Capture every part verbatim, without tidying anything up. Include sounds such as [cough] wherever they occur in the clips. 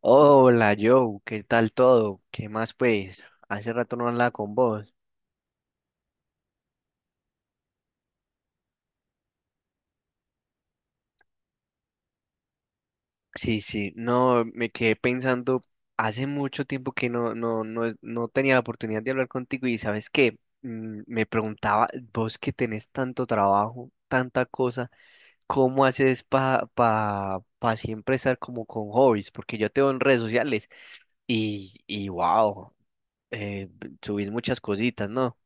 Hola Joe, ¿qué tal todo? ¿Qué más pues? Hace rato no hablaba con vos. Sí, sí, no, me quedé pensando, hace mucho tiempo que no, no, no, es- no tenía la oportunidad de hablar contigo y ¿sabes qué? Mm, Me preguntaba, vos que tenés tanto trabajo, tanta cosa, ¿cómo haces para pa, pa pa siempre estar como con hobbies? Porque yo te veo en redes sociales y, y wow, eh, subís muchas cositas, ¿no?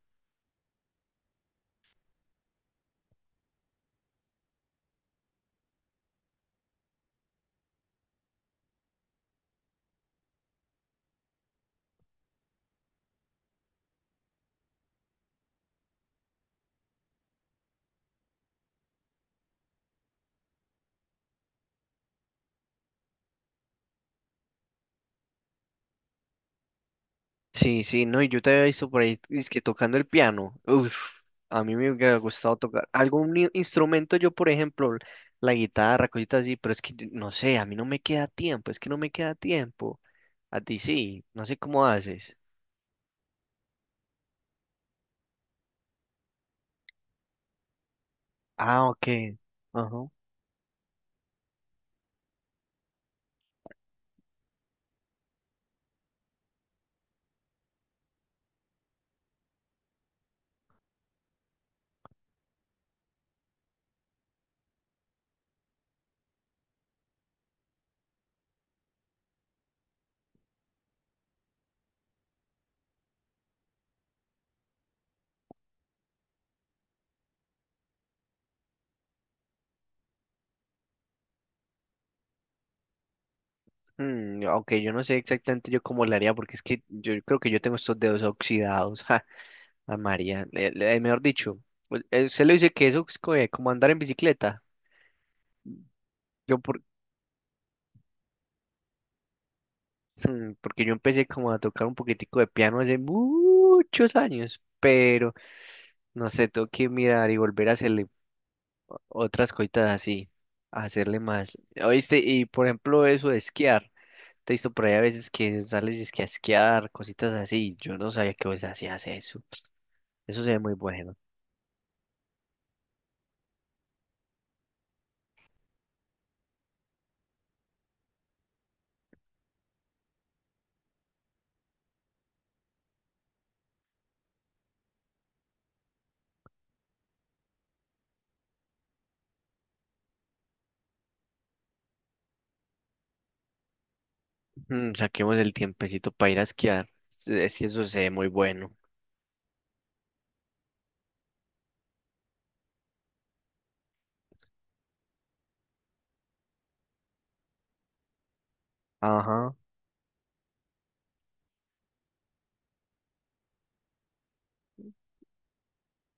Sí, sí, no, y yo te había visto por ahí, es que tocando el piano. Uf, a mí me hubiera gustado tocar algún i- instrumento, yo por ejemplo, la guitarra, cositas así, pero es que yo- no sé, a mí no me queda tiempo, es que no me queda tiempo. A ti sí, no sé cómo haces. Ah, ok. Ajá. Mm, ok, yo no sé exactamente yo cómo le haría, porque es que yo creo que yo tengo estos dedos oxidados. [laughs] Ja, a María, le- le- mejor dicho, u- eh, usted le dice que eso es co- eh, como andar en bicicleta. Yo, por, Hmm, Porque yo empecé como a tocar un poquitico de piano hace muchos años, pero no sé, tengo que mirar y volver a hacerle otras cositas así, a hacerle más. ¿Oíste? Y por ejemplo, eso de esquiar, te he visto por ahí a veces que sales y es que a esquiar, cositas así, yo no sabía que vos hacías eso. Eso se ve muy bueno. Mm, saquemos el tiempecito para ir a esquiar, es que eso se ve muy bueno. Ajá.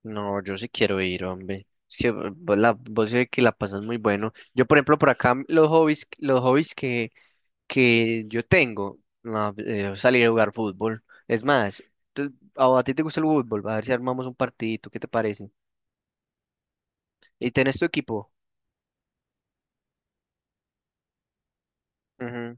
No, yo sí quiero ir, hombre. Es que vo- vos, la, vos sé que la pasas muy bueno. Yo, por ejemplo, por acá los hobbies, los hobbies que, que yo tengo, no, eh, salir a jugar fútbol. Es más, tú- a, a ti te gusta el fútbol, a ver si armamos un partidito, ¿qué te parece? ¿Y tenés tu equipo? Ujú.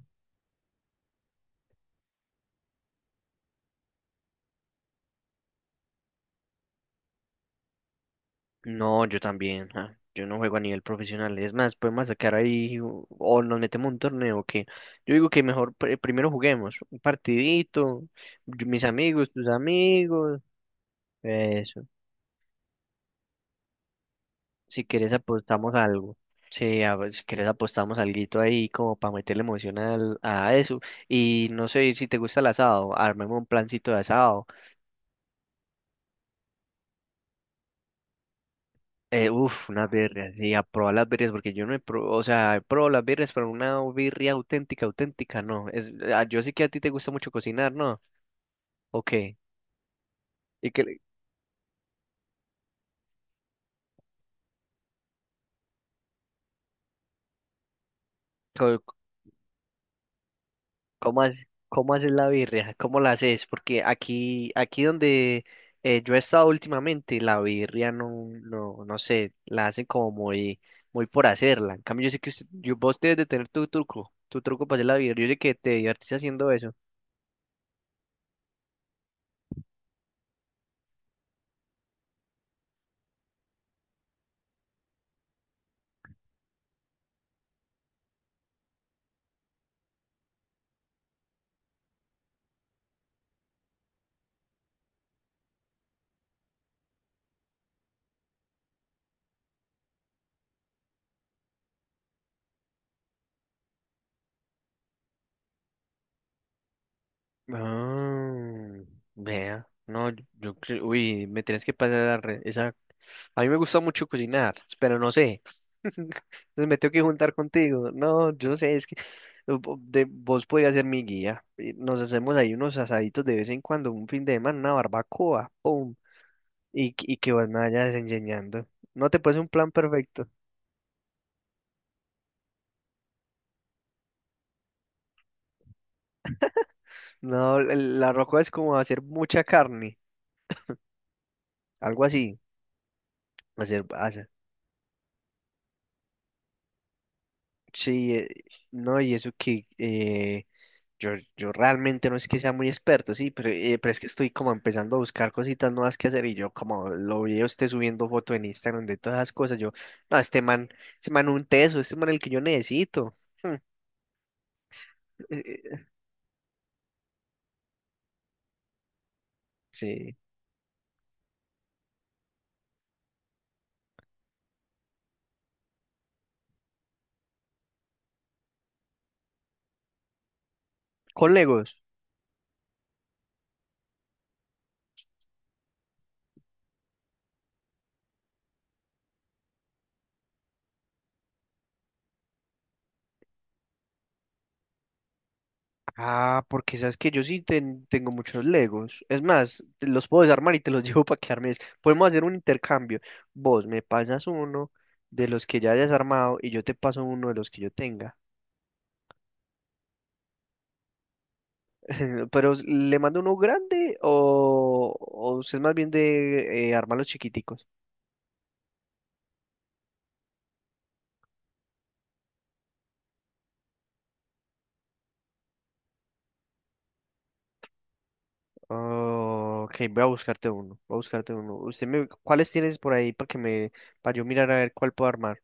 No, yo también. ah, Yo no juego a nivel profesional. Es más, podemos sacar ahí o, o nos metemos un torneo que yo digo que mejor pr- primero juguemos un partidito, yo- mis amigos, tus amigos. Eso. Si quieres apostamos algo. Sí, a ver, si quieres apostamos alguito ahí como para meterle emoción al- a eso. Y no sé si te gusta el asado, armemos un plancito de asado. Eh, uf, unas birrias, sí, a probar las birrias, porque yo no he probado, o sea, he probado las birrias, pero una birria auténtica, auténtica, no. Es, ah, yo sé que a ti te gusta mucho cocinar, ¿no? Ok. ¿Y qué, le- co- ¿Cómo, ha- cómo haces la birria? ¿Cómo la haces? Porque aquí, aquí donde eh, yo he estado últimamente, la birria no, no, no sé, la hacen como muy, muy por hacerla. En cambio, yo sé que usted- yo, vos debes de tener tu truco, tu truco para hacer la birria. Yo sé que te divertís haciendo eso. Ah, vea. No, yo, yo cre- uy, me tienes que pasar esa. A mí me gusta mucho cocinar, pero no sé. Entonces me tengo que juntar contigo. No, yo no sé, es que vo- de- vos podías ser mi guía. Y nos hacemos ahí unos asaditos de vez en cuando, un fin de semana, una barbacoa, ¡pum! Y, que- y que vos me vayas enseñando. No te puse un plan perfecto. No, el- la roca es como hacer mucha carne, algo así. Hacer, hacer- sí, eh, no, y eso que eh, yo, yo realmente no es que sea muy experto, sí, pero, eh, pero es que estoy como empezando a buscar cositas nuevas que hacer y yo como lo vi a usted subiendo foto en Instagram de todas las cosas, yo, no, este man, este man un teso, este man el que yo necesito. Hmm, eh, eh, Sí. Con Legos. Ah, porque sabes que yo sí ten- tengo muchos Legos. Es más, te los puedo desarmar y te los [laughs] llevo para quedarme. Podemos hacer un intercambio. Vos me pasas uno de los que ya hayas armado y yo te paso uno de los que yo tenga. [laughs] Pero ¿le mando uno grande o, o usted es más bien de eh, armar los chiquiticos? Oh, ok, voy a buscarte uno, voy a buscarte uno. Usted me, ¿cuáles tienes por ahí para que me, para yo mirar a ver cuál puedo armar?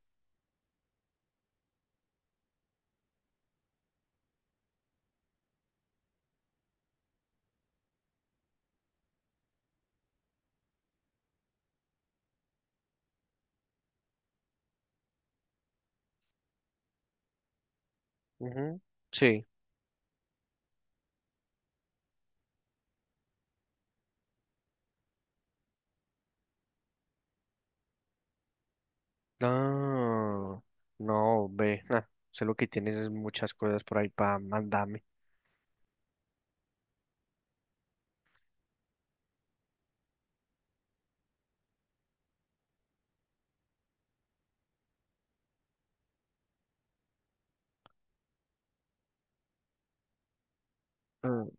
Ujú, sí. No, no, ve, nah, sé lo que tienes es muchas cosas por ahí para mandarme. Mm,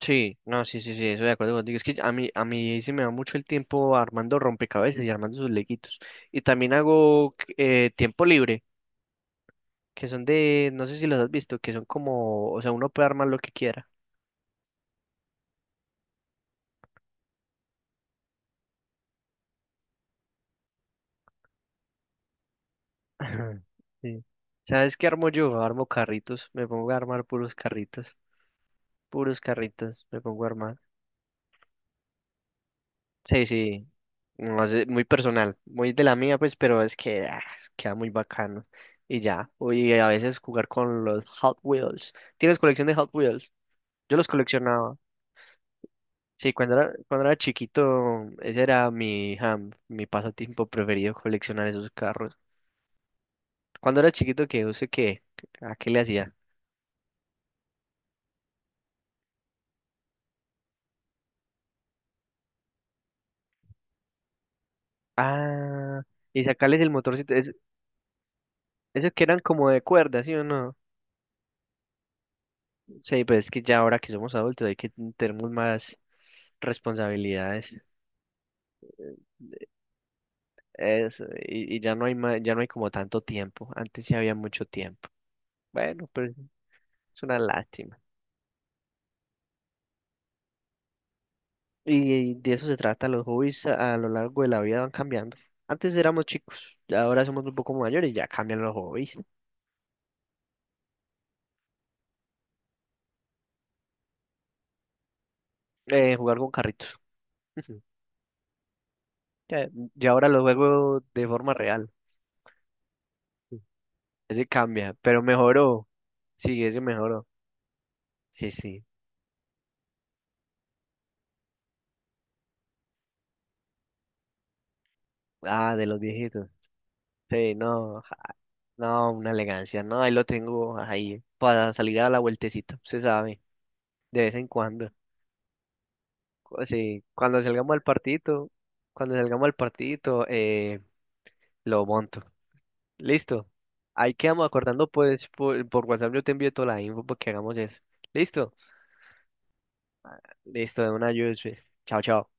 Sí, no, sí, sí, sí, estoy de acuerdo contigo. Es que a mí, a mí sí me va mucho el tiempo armando rompecabezas y armando sus leguitos. Y también hago eh, tiempo libre. Que son de, no sé si los has visto, que son como, o sea, uno puede armar lo que quiera. Ajá. Sí. ¿Sabes qué armo yo? Armo carritos, me pongo a armar puros carritos, puros carritos, me pongo a armar. Sí, sí, no sé, muy personal, muy de la mía, pues, pero es que ah, es- queda muy bacano. Y ya, y a veces jugar con los Hot Wheels. ¿Tienes colección de Hot Wheels? Yo los coleccionaba. Sí, cuando era, cuando era chiquito, ese era mi, ja, mi pasatiempo preferido, coleccionar esos carros. Cuando era chiquito, ¿qué? ¿Usted qué? ¿A qué le hacía? Ah, y sacarles el motorcito. Es- esos que eran como de cuerda, ¿sí o no? Sí, pues es que ya ahora que somos adultos hay que tenemos más responsabilidades. Eso, y, y ya no hay ma- ya no hay como tanto tiempo. Antes sí había mucho tiempo. Bueno, pero es una lástima. Y de eso se trata, los hobbies a, a lo largo de la vida van cambiando. Antes éramos chicos, ya ahora somos un poco mayores y ya cambian los hobbies. Eh, jugar con carritos. [laughs] Ya- Yo ahora lo juego de forma real. Ese cambia, pero mejoró. Sí, ese mejoró. Sí, sí. Ah, de los viejitos. Sí, no, ja, no, una elegancia. No, ahí lo tengo ahí para salir a la vueltecita, se sabe, de vez en cuando. Cu- Sí, cuando salgamos al partidito, cuando salgamos al partidito, eh, lo monto. Listo. Ahí quedamos acordando, pues, por, por WhatsApp yo te envío toda la info para que hagamos eso. Listo. Listo, de una ayuda. Chao, chao.